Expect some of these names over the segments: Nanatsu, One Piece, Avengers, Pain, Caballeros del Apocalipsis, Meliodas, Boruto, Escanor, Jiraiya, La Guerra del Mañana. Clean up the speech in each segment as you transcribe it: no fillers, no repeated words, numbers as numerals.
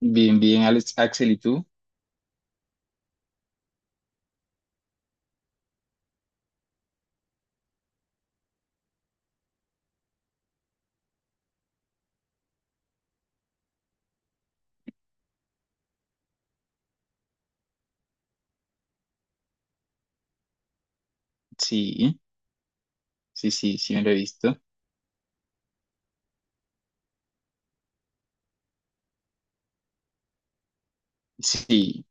Bien, bien, Alex, Axel, ¿y tú? Sí, sí, sí, sí, me lo he visto. Sí,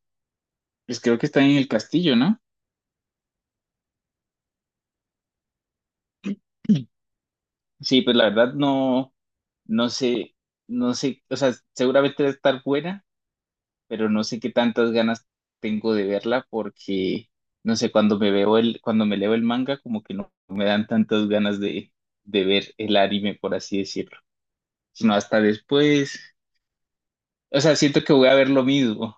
pues creo que está en el castillo, ¿no? Sí, pues la verdad no, no sé, no sé, o sea, seguramente debe estar buena, pero no sé qué tantas ganas tengo de verla porque, no sé, cuando me leo el manga, como que no me dan tantas ganas de ver el anime, por así decirlo, sino hasta después. O sea, siento que voy a ver lo mismo.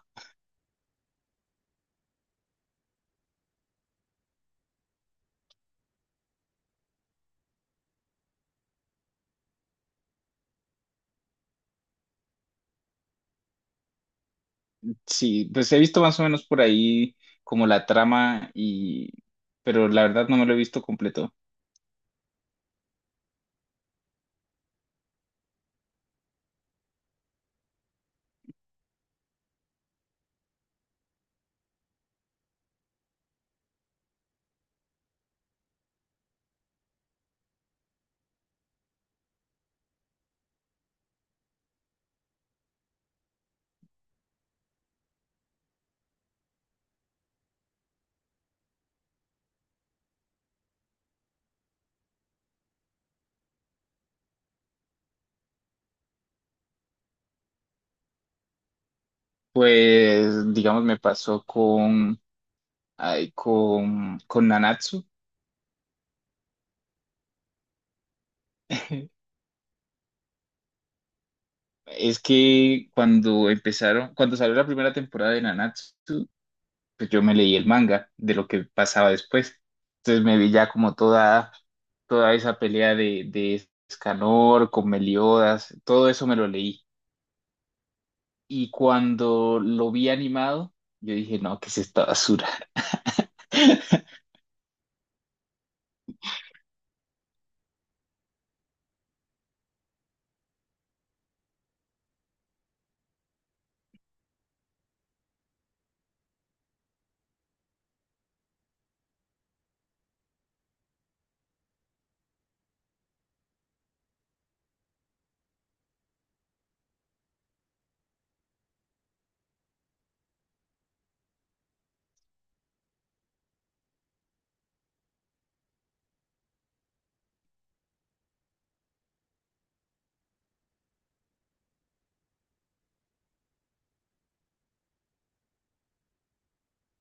Sí, pues he visto más o menos por ahí como la trama, y, pero la verdad no me lo he visto completo. Pues, digamos, me pasó con Nanatsu. Es que cuando salió la primera temporada de Nanatsu, pues yo me leí el manga de lo que pasaba después. Entonces me vi ya toda esa pelea de Escanor con Meliodas, todo eso me lo leí. Y cuando lo vi animado, yo dije, no, ¿qué es esta basura?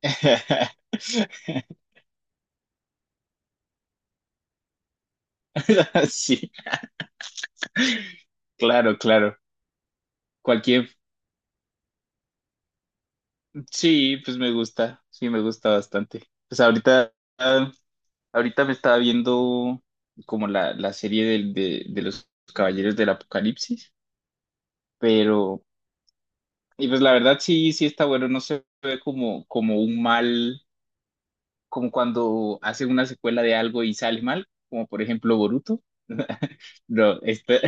Sí, claro, claro. Cualquier, sí, pues me gusta, sí, me gusta bastante. Pues ahorita, ah, ahorita me estaba viendo como la serie de los Caballeros del Apocalipsis, pero y pues la verdad sí, sí está bueno, no se ve como, como un mal, como cuando hacen una secuela de algo y sale mal, como por ejemplo Boruto. No, este,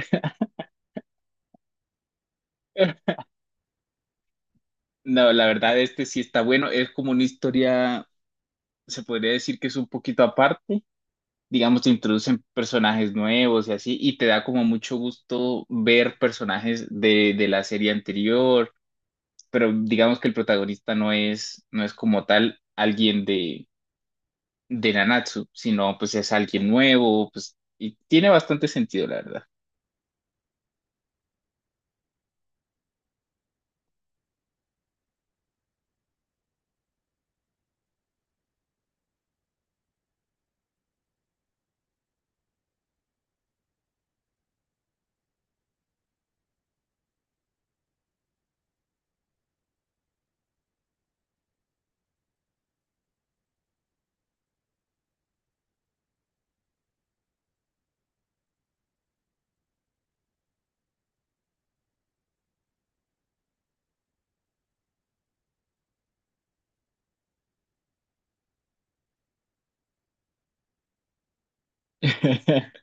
no, la verdad, este sí está bueno. Es como una historia, se podría decir que es un poquito aparte. Digamos, te introducen personajes nuevos y así, y te da como mucho gusto ver personajes de la serie anterior, pero digamos que el protagonista no es como tal de Nanatsu, sino pues es alguien nuevo, pues, y tiene bastante sentido, la verdad.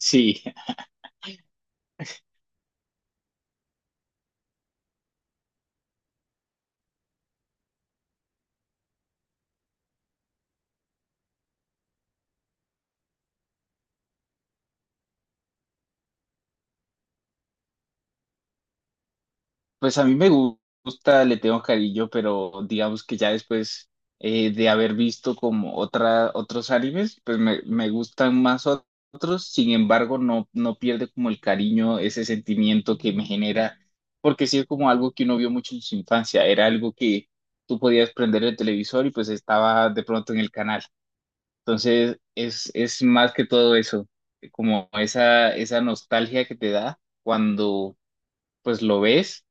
Sí, pues a mí me gusta, le tengo cariño, pero digamos que ya después, de haber visto como otros animes, pues me gustan más otros. Sin embargo no, no pierde como el cariño, ese sentimiento que me genera, porque sí es como algo que uno vio mucho en su infancia. Era algo que tú podías prender el televisor y pues estaba de pronto en el canal. Es más que todo eso, como esa nostalgia que te da cuando pues lo ves.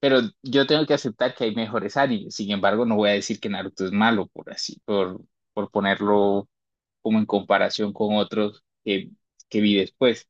Pero yo tengo que aceptar que hay mejores animes. Sin embargo, no voy a decir que Naruto es malo por por ponerlo como en comparación con otros que vi después.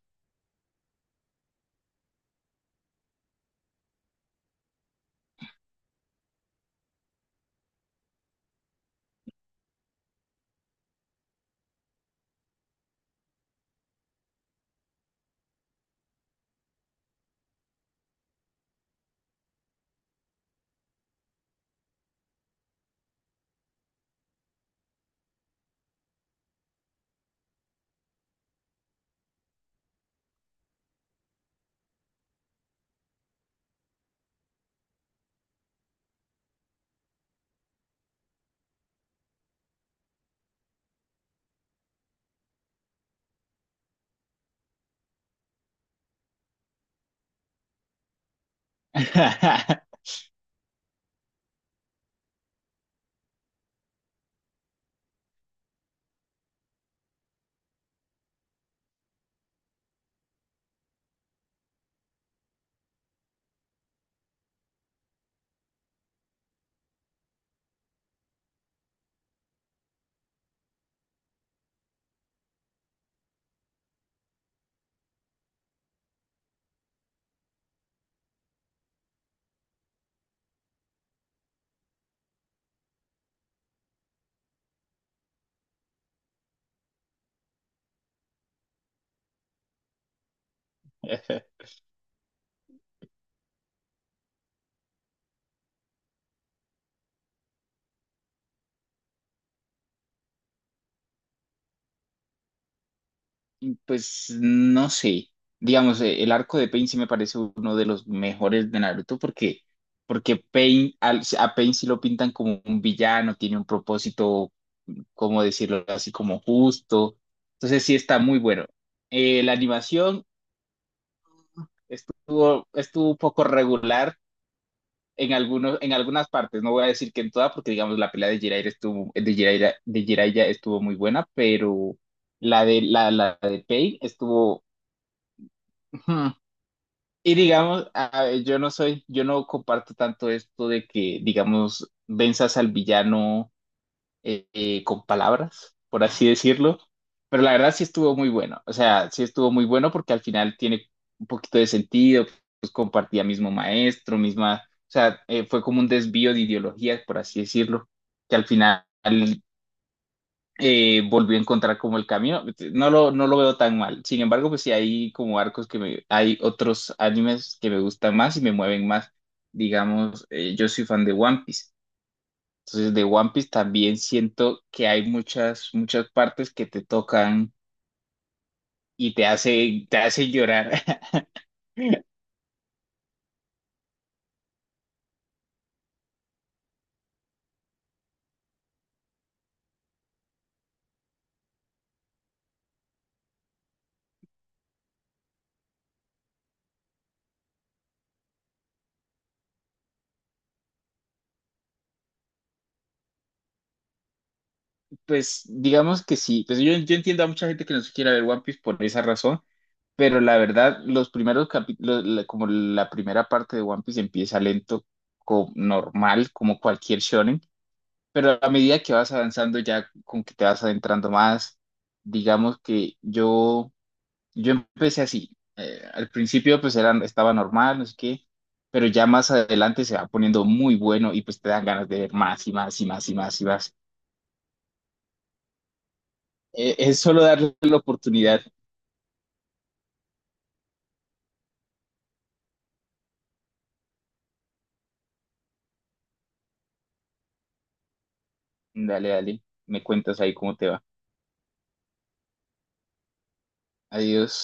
Pues no sé. Digamos, el arco de Pain sí me parece uno de los mejores de Naruto, porque, porque Pain, al- a Pain sí lo pintan como un villano, tiene un propósito, ¿cómo decirlo así? Como justo. Entonces sí está muy bueno. La animación estuvo, estuvo un poco regular en algunos, en algunas partes. No voy a decir que en todas, porque digamos la pelea de Jiraiya estuvo, de Jiraiya estuvo muy buena, pero la de Pei estuvo... hmm, y digamos, a- yo no comparto tanto esto de que, digamos, venzas al villano, con palabras, por así decirlo. Pero la verdad sí estuvo muy bueno. O sea, sí estuvo muy bueno porque al final tiene un poquito de sentido. Pues compartía mismo maestro, misma. O sea, fue como un desvío de ideologías, por así decirlo, que al final, volvió a encontrar como el camino. No lo veo tan mal. Sin embargo, pues sí hay como arcos que me. Hay otros animes que me gustan más y me mueven más. Digamos, yo soy fan de One Piece. Entonces, de One Piece también siento que hay muchas, muchas partes que te tocan y te hace llorar. Pues digamos que sí, pues yo entiendo a mucha gente que no se quiera ver One Piece por esa razón, pero la verdad, los primeros capítulos, como la primera parte de One Piece empieza lento, co- normal, como cualquier shonen, pero a medida que vas avanzando, ya con que te vas adentrando más, digamos que yo... Yo empecé así. Eh, al principio pues era, estaba normal, no sé qué, pero ya más adelante se va poniendo muy bueno y pues te dan ganas de ver más y más y más y más y más. Es solo darle la oportunidad. Dale, dale, me cuentas ahí cómo te va. Adiós.